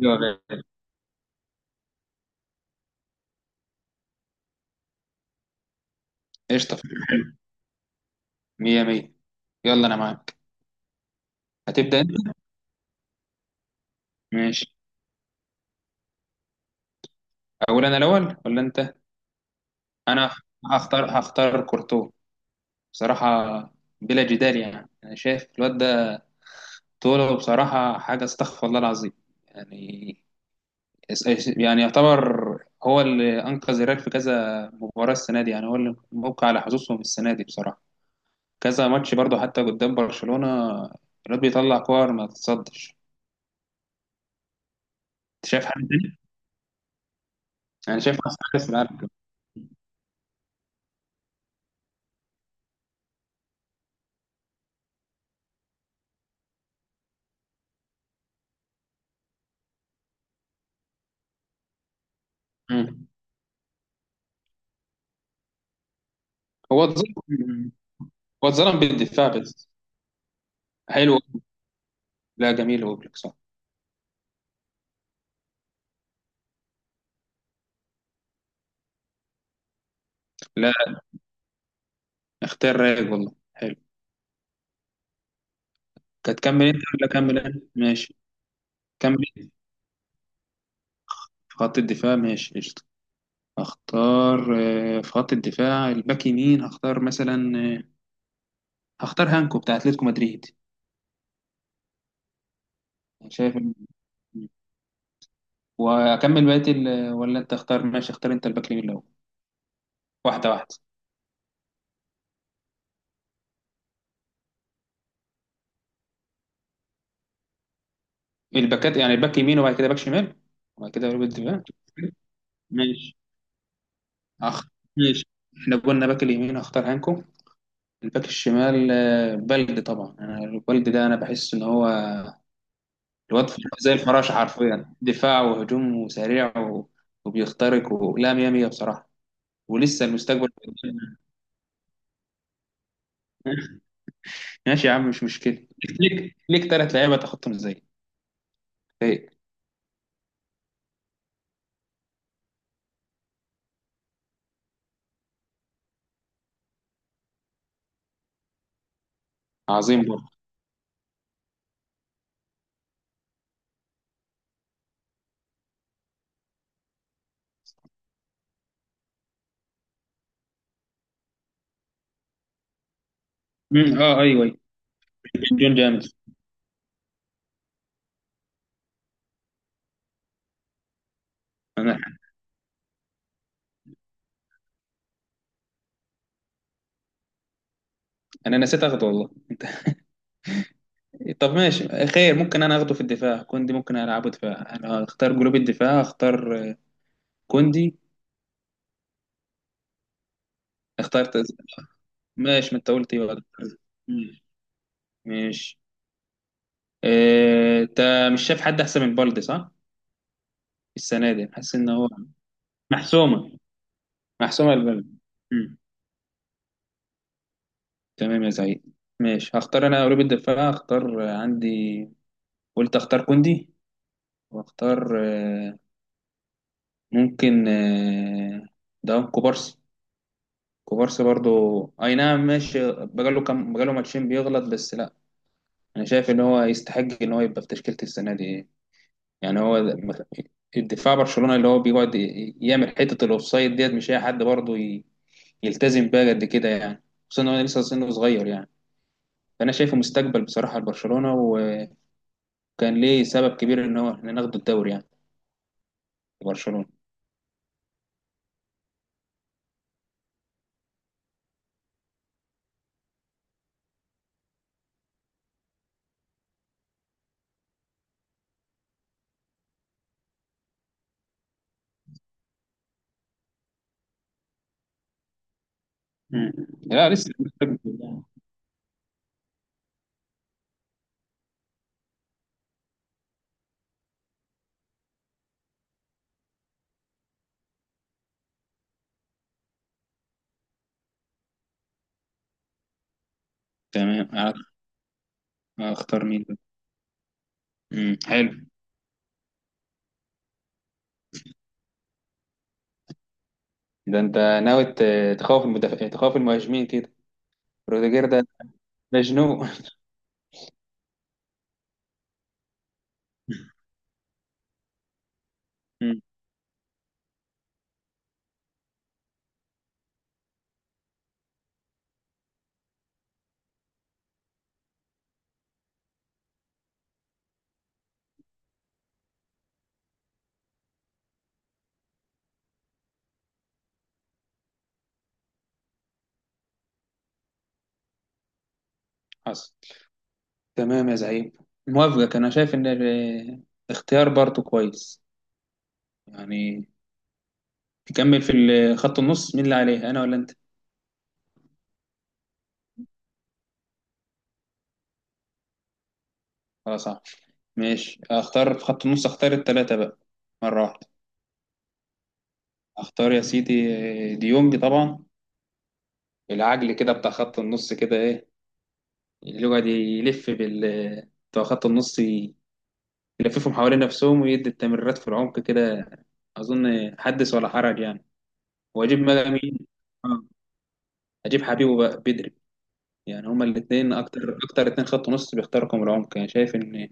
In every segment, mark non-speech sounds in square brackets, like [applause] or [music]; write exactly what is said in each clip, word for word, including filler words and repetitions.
ايوه يا غالي. قشطة، حلو، مية مية. يلا أنا معاك. هتبدأ أنت؟ ماشي، أقول أنا الأول ولا أنت؟ أنا هختار هختار كورتو بصراحة، بلا جدال. يعني أنا شايف الواد ده طوله بصراحة حاجة، استغفر الله العظيم. يعني يعني يعتبر هو اللي أنقذ الريال في كذا مباراة السنة دي، يعني هو اللي موقع على حظوظهم السنة دي بصراحة. كذا ماتش برضه، حتى قدام برشلونة الواد بيطلع كور ما تتصدش. أنت شايف حاجة تاني؟ أنا شايف أحسن حارس في العالم. مم. هو اتظلم. مم. هو اتظلم بالدفاع بس. حلو. لا، جميل، وبلك صح. لا، اختيار رايق والله، حلو. هتكمل انت ولا اكمل انا؟ ماشي، كمل انت. في خط الدفاع ماشي قشطة. اختار، آه، في خط الدفاع الباك يمين هختار مثلا، آه، هختار هانكو بتاع اتلتيكو مدريد. أنا شايف إن- واكمل بقيه ال- ولا انت اختار؟ ماشي، اختار انت الباك اليمين الاول، واحده واحده. الباكات يعني الباك يمين وبعد كده باك شمال، وبعد كده قلوب الدفاع. ماشي. أخ، ماشي. إحنا قلنا باك اليمين هختار هانكو. الباك الشمال، آه، بلدي طبعا. أنا البلدي ده أنا بحس إن هو الواد في- زي الفراشة حرفيا، دفاع وهجوم وسريع و... وبيخترق، ولا مية مية بصراحة. ولسه المستقبل [laughs] قدامنا. ماشي يا عم، مش مشكلة. ليك ليك تلات لعيبة تاخدهم إزاي؟ إيه؟ عظيم برضه. أمم، أه، أيوه أيوه. جون جامس. أنا أنا نسيت أخده والله. طب ماشي، خير، ممكن انا اخده في الدفاع كوندي، ممكن العبه دفاع. انا اختار جروب الدفاع، اختار آه، كوندي. اخترت أز- ماشي، ما انت قلت ايه بقى؟ مم. ماشي. اه، انت مش شايف حد احسن من بالدي صح؟ السنه دي حاسس ان هو محسومه، محسومه البلد. مم. تمام يا سعيد. ماشي، هختار انا قلوب الدفاع، هختار اه، عندي، قلت اختار كوندي واختار اه، ممكن اه، ده كوبارسي. كوبارسي برضو. اي نعم، ماشي، بقاله كام، بقاله ماتشين بيغلط بس لا، انا شايف ان هو يستحق ان هو يبقى في تشكيله السنه دي. يعني هو مث- الدفاع برشلونة اللي هو بيقعد ي- يعمل حتة الاوفسايد، ديت مش اي حد برضه ي- يلتزم بيها قد كده يعني. خصوصا ان هو لسه سنه صغير يعني، فانا شايفه مستقبل بصراحة لبرشلونة، وكان ليه سبب كبير ان هو احنا ناخد الدوري يعني، برشلونة. مم. لا، لسه مستقبل يعني. تمام، عارف. اختار مين بقى؟ مم. حلو. ده انت ناوي ت- تخوف المدافع، تخوف المهاجمين كده؟ روديجير ده مجنون [laughs] مم. حصل. تمام يا زعيم، موافقك. انا شايف ان الاختيار برضه كويس يعني. تكمل في ال- خط النص؟ مين اللي عليه انا ولا انت؟ خلاص، صح، ماشي. اختار في خط النص، اختار التلاتة بقى مرة واحدة. اختار يا سيدي ديونج طبعا، العجل كده بتاع خط النص كده، ايه اللي يقعد يلف بال، بتوع خط النص يلففهم حوالين نفسهم ويدي التمريرات في العمق كده. اظن حدث ولا حرج يعني. واجيب بقى مين؟ آه، اجيب حبيبه بقى بدري. يعني هما الاثنين اكتر اكتر اتنين خط نص بيخترقوا من العمق يعني. شايف ان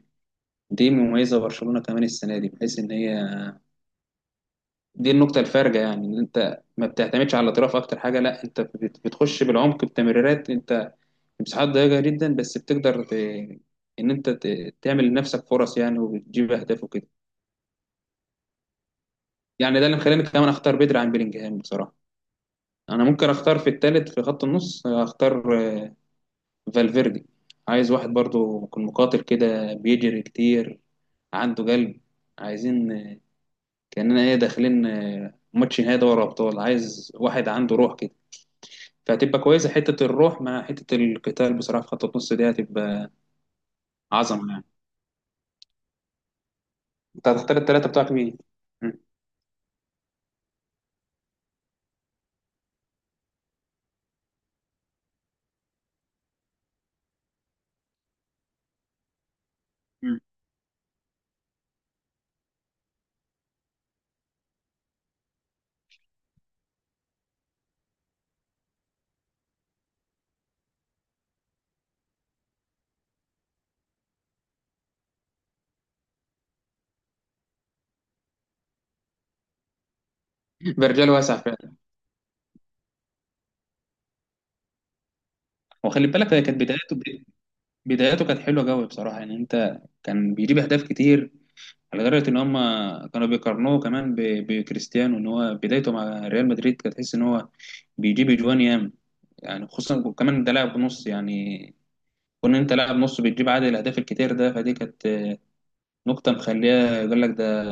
دي مميزه برشلونه كمان السنه دي، بحيث ان هي دي النقطه الفارقه يعني. ان انت ما بتعتمدش على الاطراف اكتر حاجه، لا انت بت- بتخش بالعمق بتمريرات، انت مساحات ضيقه جدا بس بتقدر ت... ان انت ت... تعمل لنفسك فرص يعني، وبتجيب اهداف وكده. يعني ده اللي مخليني كمان اختار بدري عن بيلينجهام بصراحه. انا ممكن اختار في الثالث في خط النص، اختار فالفيردي. عايز واحد برضو يكون مقاتل كده، بيجري كتير، عنده قلب. عايزين كأننا ايه داخلين، آه، ماتش نهائي دوري أبطال، عايز واحد عنده روح كده. فهتبقى كويسة حتة الروح مع حتة القتال بصراحة، في خط النص دي هتبقى عظمة يعني. انت هتختار التلاتة بتوعك مين؟ مم. مم. برجال واسع فعلا. وخلي بالك هي كانت بدايته، بدايته كانت حلوة قوي بصراحة. يعني انت كان بيجيب أهداف كتير، على درجة إن هم كانوا بيقارنوه كمان ب- بكريستيانو، إن هو بدايته مع ريال مدريد كانت تحس إن هو بيجيب أجوان ياما. يعني خصوصا كمان ده لاعب نص يعني، كون أنت لاعب نص بتجيب عدد الأهداف الكتير ده، فدي كانت نقطة مخليها يقول لك ده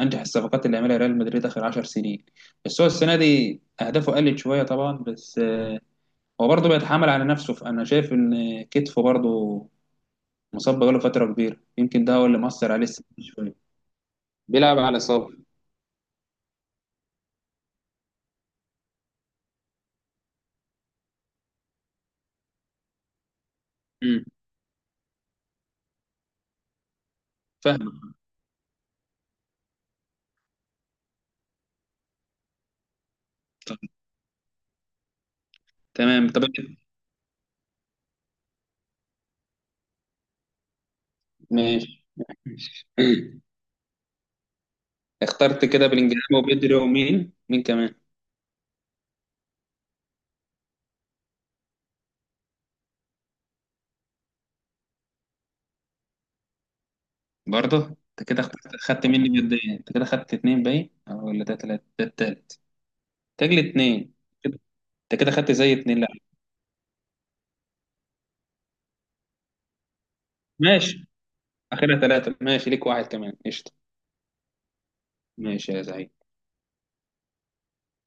أنجح الصفقات اللي عملها ريال مدريد آخر 10 سنين. بس هو السنة دي أهدافه قلت شوية طبعا، بس آه، هو برضه بيتحمل على نفسه. فأنا شايف إن كتفه برضه مصاب بقاله فترة كبيرة، يمكن ده هو اللي مأثر عليه السنة دي شوية. بيلعب على إصابة. أمم، فاهم. تمام طب. ماشي ماشي. اخترت كده بلينجهام وبيدري ومين مين كمان؟ برضه. انت كده اخترت، خدت مني ماديا. انت كده خدت اتنين، باين أو، ولا ده تلاتة؟ ده التالت تجلي اتنين. كده- انت كده خدت زي اتنين لا. ماشي، اخرها تلاتة ماشي، ليك واحد كمان قشطة. ماشي يا زعيم.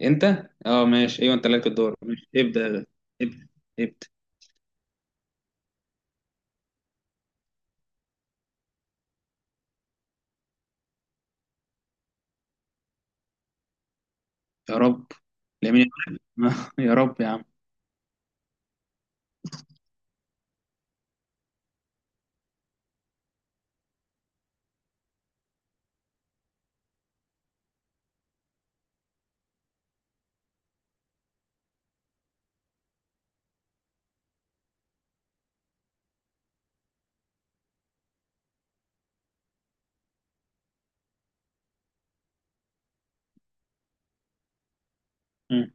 انت؟ اه ماشي، ايوه انت لك الدور ماشي، ابدأ يا غالي. ابدأ ابدأ. يا رب. لمين؟ [laughs] يا رب يا عم. مم.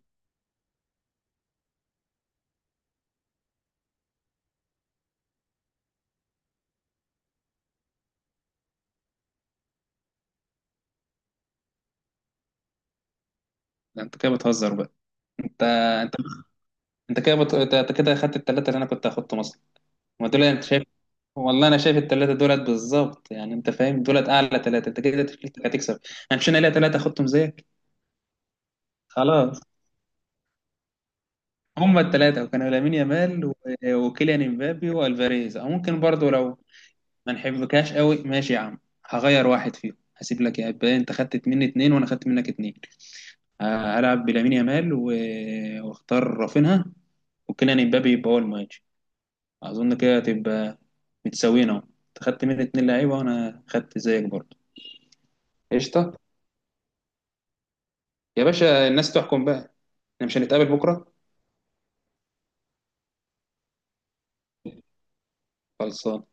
ده انت كده بتهزر بقى؟ انت انت انت كده بت... انت أنت كده اخدت الثلاثه اللي انا كنت هاخدهم اصلا. ما دول انت شايف. والله انا شايف الثلاثه دولت بالظبط يعني، انت فاهم، دولت اعلى ثلاثه، انت كده تكلفتك هتكسب. انا مش، انا ليا ثلاثه اخدتهم زيك. خلاص. هم الثلاثه، وكانوا لامين يامال و... وكيليان امبابي والفاريز. او ممكن برضو لو ما نحبكاش قوي ماشي يا عم، هغير واحد فيهم، هسيب لك يا ابا. انت خدت مني اتنين وانا خدت منك اتنين. ه- هلعب بلامين يامال و... واختار رافينها وكيليان امبابي يبقى هو المهاجم. اظن كده هتبقى متساويين، اهو انت خدت مني اتنين لعيبه وانا خدت زيك برضه. قشطه يا باشا. الناس تحكم بقى. احنا مش هنتقابل بكره؟ خلصان.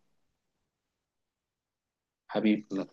حبيبي.